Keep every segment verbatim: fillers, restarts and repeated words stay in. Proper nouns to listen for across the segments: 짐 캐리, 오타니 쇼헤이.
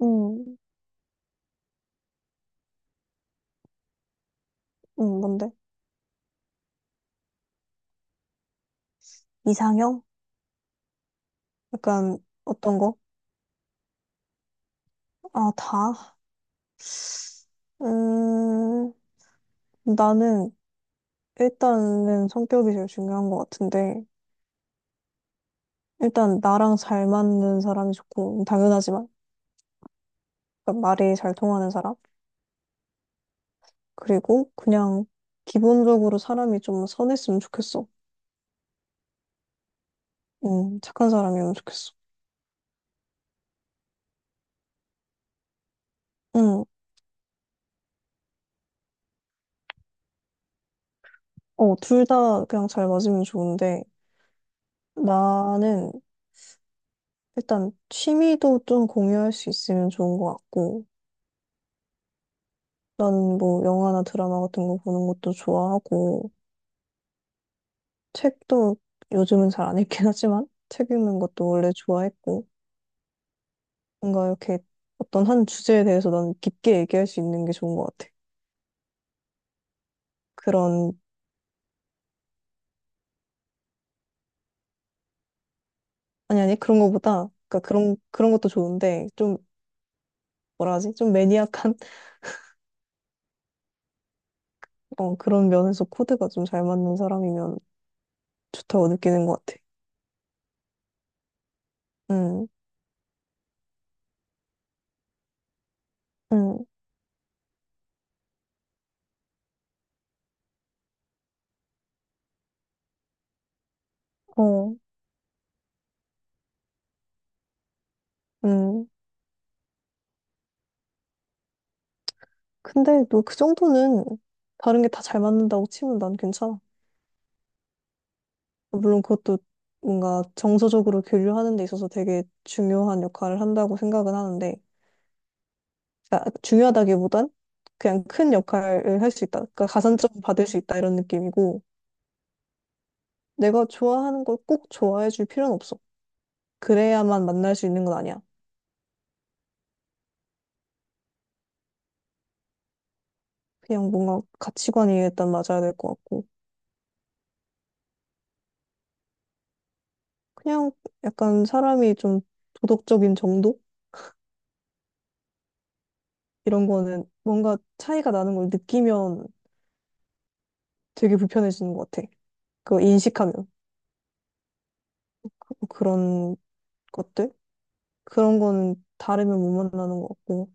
음, 음, 뭔데? 이상형? 약간 어떤 거? 아, 다? 음, 나는 일단은 성격이 제일 중요한 것 같은데, 일단 나랑 잘 맞는 사람이 좋고, 당연하지만, 그러니까 말이 잘 통하는 사람? 그리고 그냥 기본적으로 사람이 좀 선했으면 좋겠어. 음, 착한 사람이면 좋겠어. 응, 어, 둘 다 그냥 잘 맞으면 좋은데, 나는 일단 취미도 좀 공유할 수 있으면 좋은 것 같고, 나는 뭐 영화나 드라마 같은 거 보는 것도 좋아하고, 책도 요즘은 잘 안 읽긴 하지만, 책 읽는 것도 원래 좋아했고, 뭔가 이렇게 어떤 한 주제에 대해서 난 깊게 얘기할 수 있는 게 좋은 것 같아. 그런, 아니, 아니, 그런 거보다, 그러니까 그런, 그런 것도 좋은데, 좀, 뭐라 하지? 좀 매니악한, 어, 그런 면에서 코드가 좀 잘 맞는 사람이면 좋다고 느끼는 것 같아. 음, 음, 어, 음. 근데 뭐 그 정도는 다른 게 다 잘 맞는다고 치면 난 괜찮아. 어, 물론 그것도 뭔가 정서적으로 교류하는 데 있어서 되게 중요한 역할을 한다고 생각은 하는데, 그러니까 중요하다기보단 그냥 큰 역할을 할 수 있다. 그러니까 가산점 받을 수 있다 이런 느낌이고, 내가 좋아하는 걸 꼭 좋아해 줄 필요는 없어. 그래야만 만날 수 있는 건 아니야. 그냥 뭔가 가치관이 일단 맞아야 될 것 같고, 그냥 약간 사람이 좀 도덕적인 정도? 이런 거는 뭔가 차이가 나는 걸 느끼면 되게 불편해지는 것 같아. 그거 인식하면. 그런 것들? 그런 거는 다르면 못 만나는 것 같고.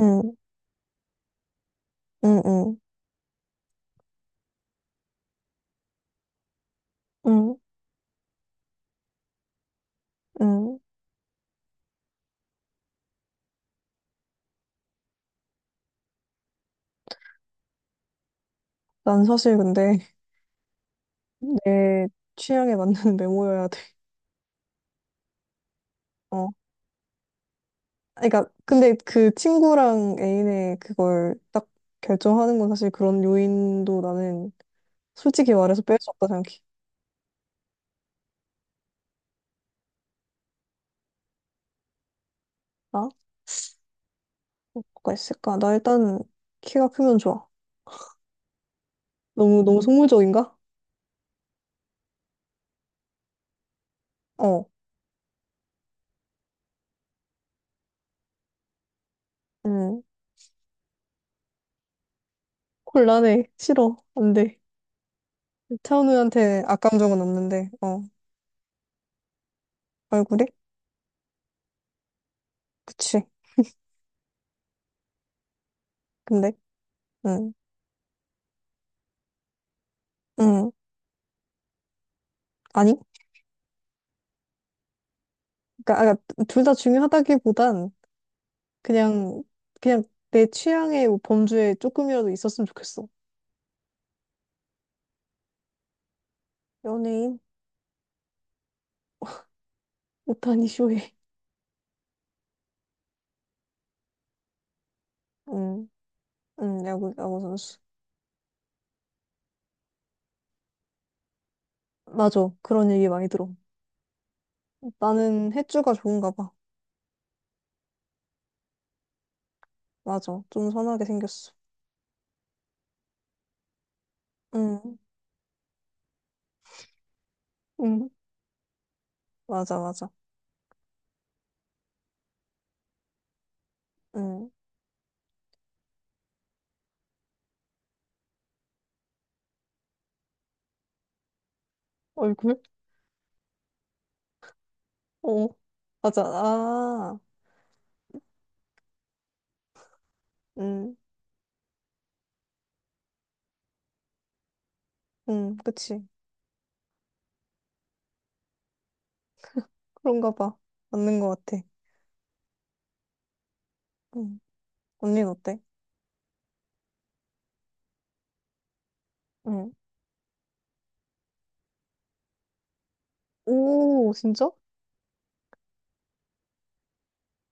응, 응, 응, 응, 응. 난 사실 근데 내 취향에 맞는 메모여야 돼. 어. 그러니까 근데 그 친구랑 애인의 그걸 딱 결정하는 건 사실 그런 요인도 나는 솔직히 말해서 뺄 수 없다 생각해. 나? 뭐가 있을까? 나 일단 키가 크면 좋아. 너무 너무 속물적인가? 어. 응. 곤란해. 싫어. 안 돼. 차은우한테 악감정은 없는데. 어. 얼굴이? 그치. 근데, 응, 응, 아니, 그러니까 아, 그러니까 둘 다 중요하다기보단 그냥 그냥 내 취향의 범주에 조금이라도 있었으면 좋겠어. 연예인 오타니 쇼헤이, 응, 응, 야구 야구 선수. 맞아, 그런 얘기 많이 들어. 나는 해주가 좋은가 봐. 맞아, 좀 선하게 생겼어. 응, 응, 맞아, 맞아. 응, 얼굴? 어, 맞아. 아, 응, 응, 그치. 그런가 봐. 맞는 것 같아. 응, 언니는 어때? 응. 오, 진짜?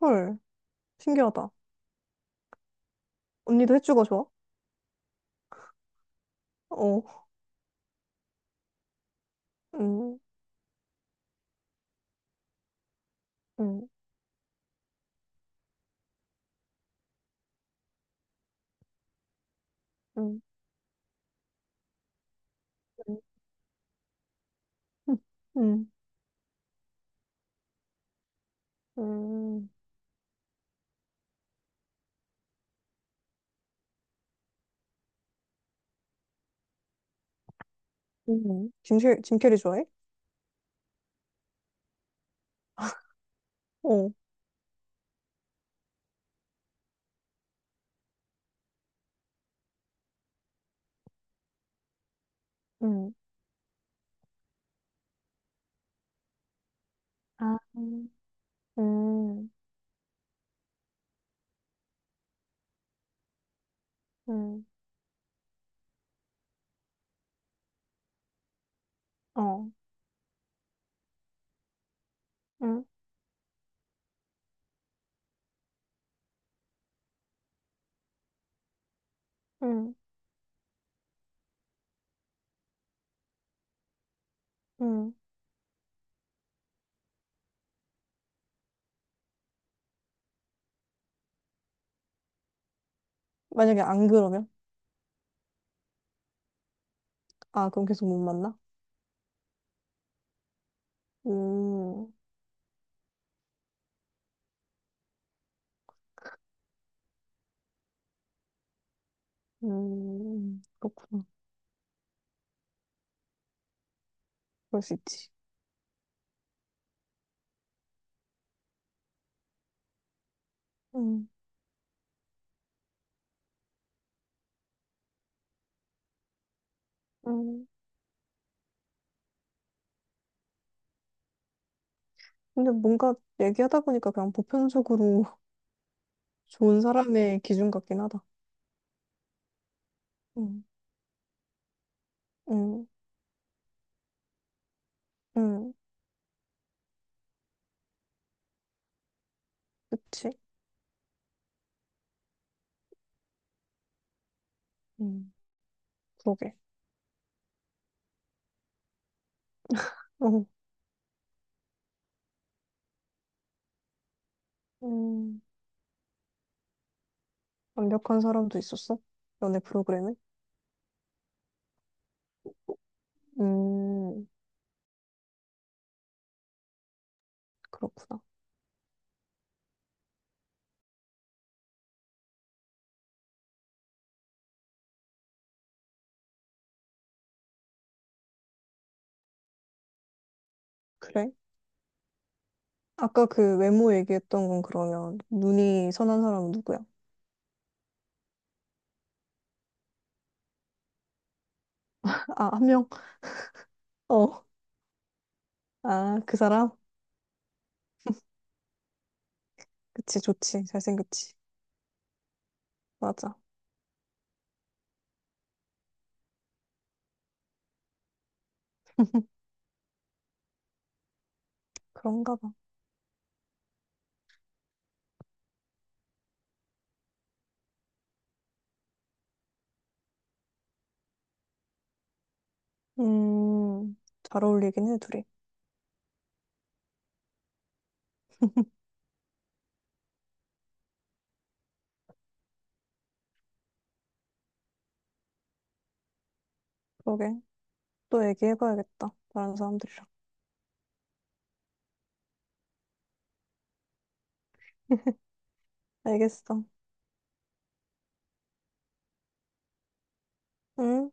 헐, 신기하다. 언니도 해주가 좋아? 어, 음, 음, 음, 음, 음, 음, 음. 짐, 캐- 짐 캐리 좋아해? 어, 음, 아, 음, 음, 음, 어, 음, 음, 음. 만약에 안 그러면? 아, 그럼 계속 못 만나? 음, 음, 그렇구나. 그럴 수 있지. 음, 음. 근데 뭔가 얘기하다 보니까 그냥 보편적으로 좋은 사람의 기준 같긴 하다. 음, 음. 응, 그치. 음. 그러게. 응. 음, 완벽한 사람도 있었어? 연애 프로그램에? 음, 그렇구나. 그래? 아까 그 외모 얘기했던 건 그러면 눈이 선한 사람은 누구야? 아, 한 명? 어. 아, 그 사람? 그치, 좋지. 잘생겼지. 맞아. 그런가 봐. 음, 잘 어울리긴 해, 둘이. 그러게. 또 얘기해봐야겠다. 다른 사람들이랑. 알겠어. 응?